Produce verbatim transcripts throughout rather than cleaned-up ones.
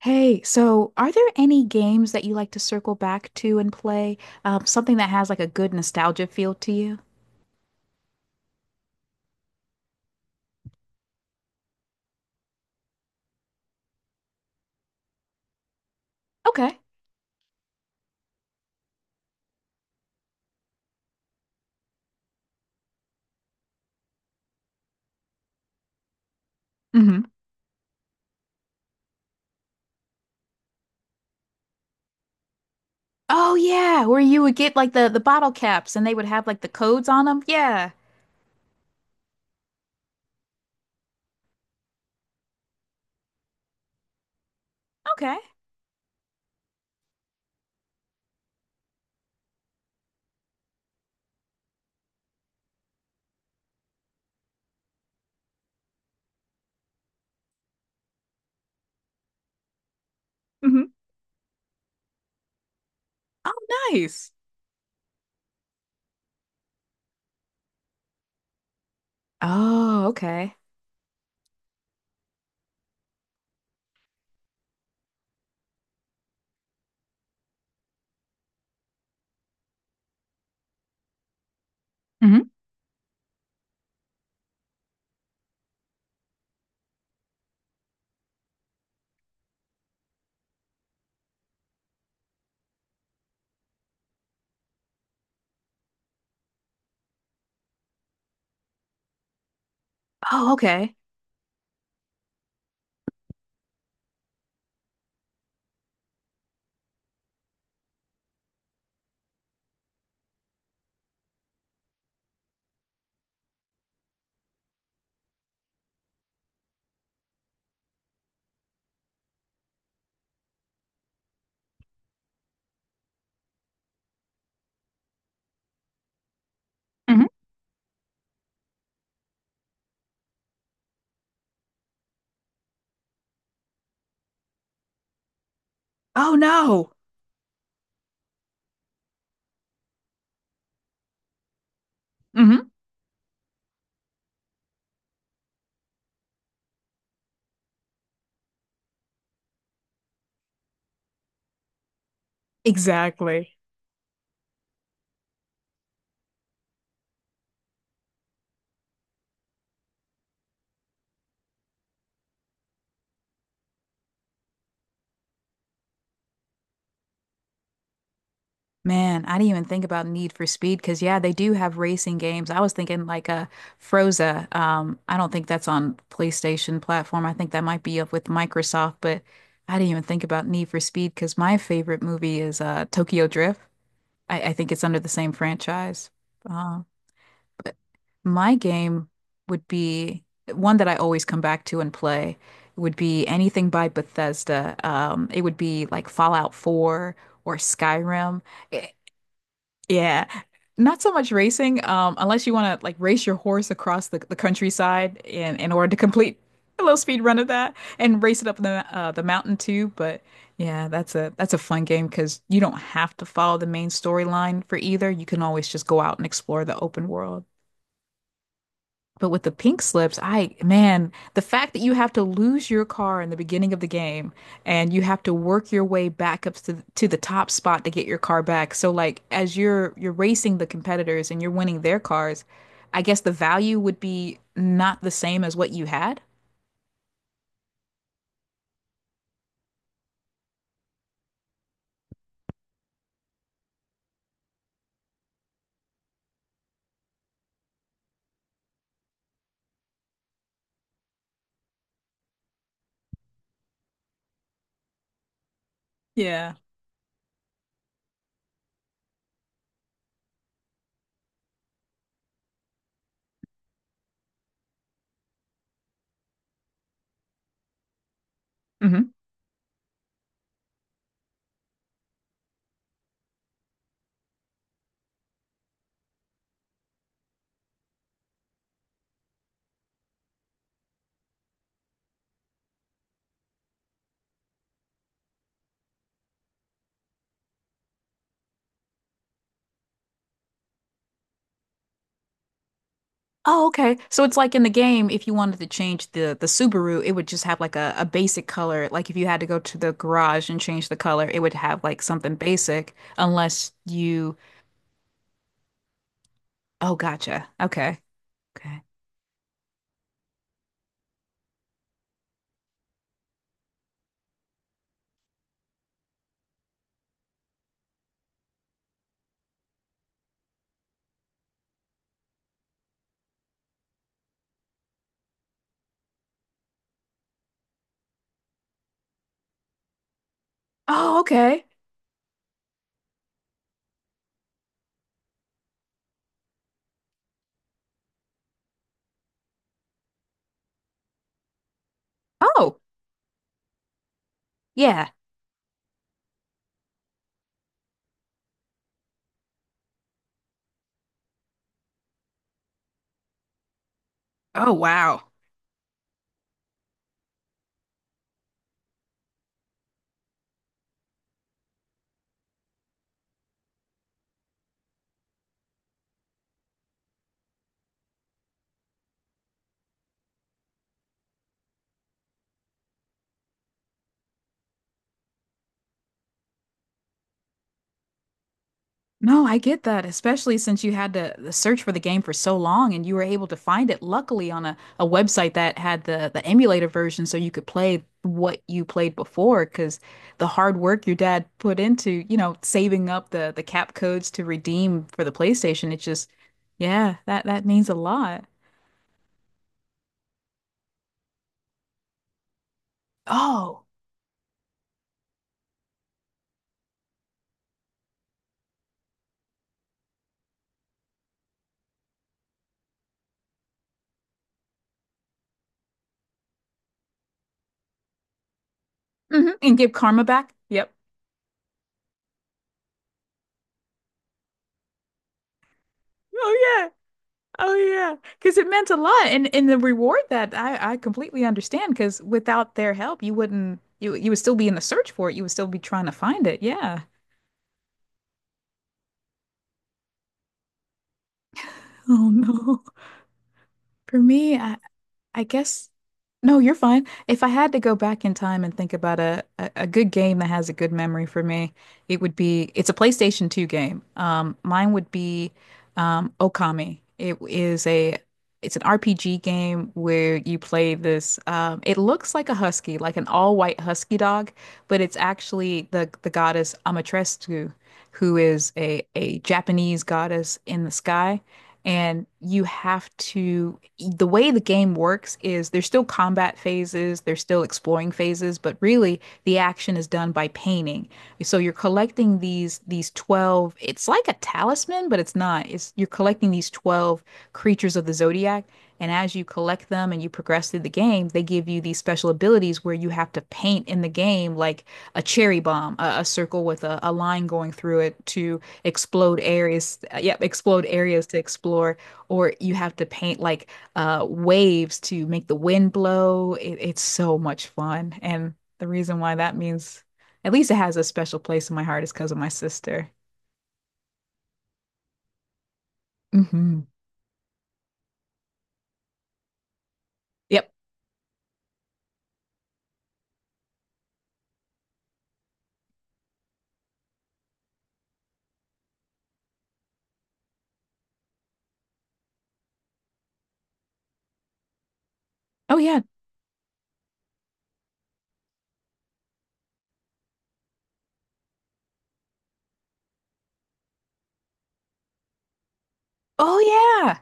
Hey, so are there any games that you like to circle back to and play? Um, something that has like a good nostalgia feel to you? Okay. hmm Oh yeah, where you would get like the the bottle caps and they would have like the codes on them. Yeah. Okay. hmm Oh, nice. Oh, okay. hmm Oh, okay. hmm Oh no. hmm Exactly. Man, I didn't even think about Need for Speed because yeah, they do have racing games. I was thinking like a Froza. Um, I don't think that's on PlayStation platform. I think that might be up with Microsoft, but I didn't even think about Need for Speed because my favorite movie is uh, Tokyo Drift. I, I think it's under the same franchise. Uh, but my game would be one that I always come back to and play would be anything by Bethesda. Um, it would be like Fallout four or Skyrim. Eh, yeah. Not so much racing, um, unless you want to like race your horse across the, the countryside in, in order to complete a little speed run of that and race it up the uh, the mountain too. But yeah, that's a that's a fun game because you don't have to follow the main storyline for either. You can always just go out and explore the open world. But with the pink slips, I, man, the fact that you have to lose your car in the beginning of the game and you have to work your way back up to, to the top spot to get your car back. So like as you're you're racing the competitors and you're winning their cars, I guess the value would be not the same as what you had. Yeah. hmm Oh, okay. So it's like in the game, if you wanted to change the the Subaru, it would just have like a, a basic color. Like if you had to go to the garage and change the color, it would have like something basic unless you... Oh, gotcha. Okay. Okay. Oh, okay. Oh, yeah. Oh, wow. No, I get that, especially since you had to the search for the game for so long and you were able to find it luckily on a, a website that had the, the emulator version so you could play what you played before because the hard work your dad put into, you know, saving up the the cap codes to redeem for the PlayStation, it just... yeah, that that means a lot. Oh, hmm. And give karma back. Yep. Oh, yeah. Oh yeah, because it meant a lot, and and the reward that I I completely understand. Because without their help, you wouldn't you you would still be in the search for it. You would still be trying to find it. Yeah. Oh no. For me, I, I guess... no, you're fine. If I had to go back in time and think about a, a, a good game that has a good memory for me, it would be it's a PlayStation two game. Um, mine would be um, Okami. It is a it's an R P G game where you play this. Um, it looks like a husky, like an all-white husky dog, but it's actually the the goddess Amaterasu, who is a a Japanese goddess in the sky, and you have to, the way the game works is there's still combat phases, there's still exploring phases, but really the action is done by painting. So you're collecting these these twelve, it's like a talisman, but it's not. It's you're collecting these twelve creatures of the zodiac, and as you collect them and you progress through the game, they give you these special abilities where you have to paint in the game like a cherry bomb, a, a circle with a, a line going through it to explode areas uh, yep, explode areas to explore, or you have to paint like uh waves to make the wind blow. It, it's so much fun, and the reason why that means, at least it has a special place in my heart, is because of my sister. Hmm Yep. Oh yeah. Oh yeah.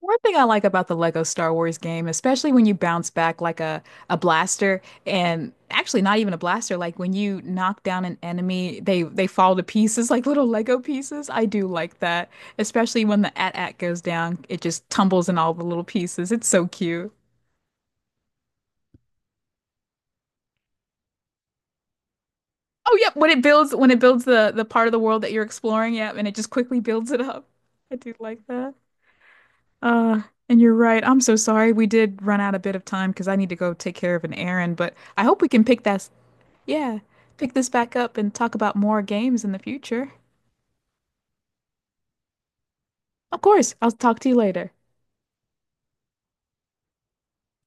One thing I like about the Lego Star Wars game, especially when you bounce back like a, a blaster, and actually not even a blaster, like when you knock down an enemy, they they fall to pieces like little Lego pieces. I do like that, especially when the A T-A T goes down, it just tumbles in all the little pieces. It's so cute. Oh, yep, when it builds when it builds the the part of the world that you're exploring, yeah, and it just quickly builds it up. I do like that. Uh, and you're right. I'm so sorry. We did run out a bit of time because I need to go take care of an errand, but I hope we can pick that... Yeah, pick this back up and talk about more games in the future. Of course, I'll talk to you later.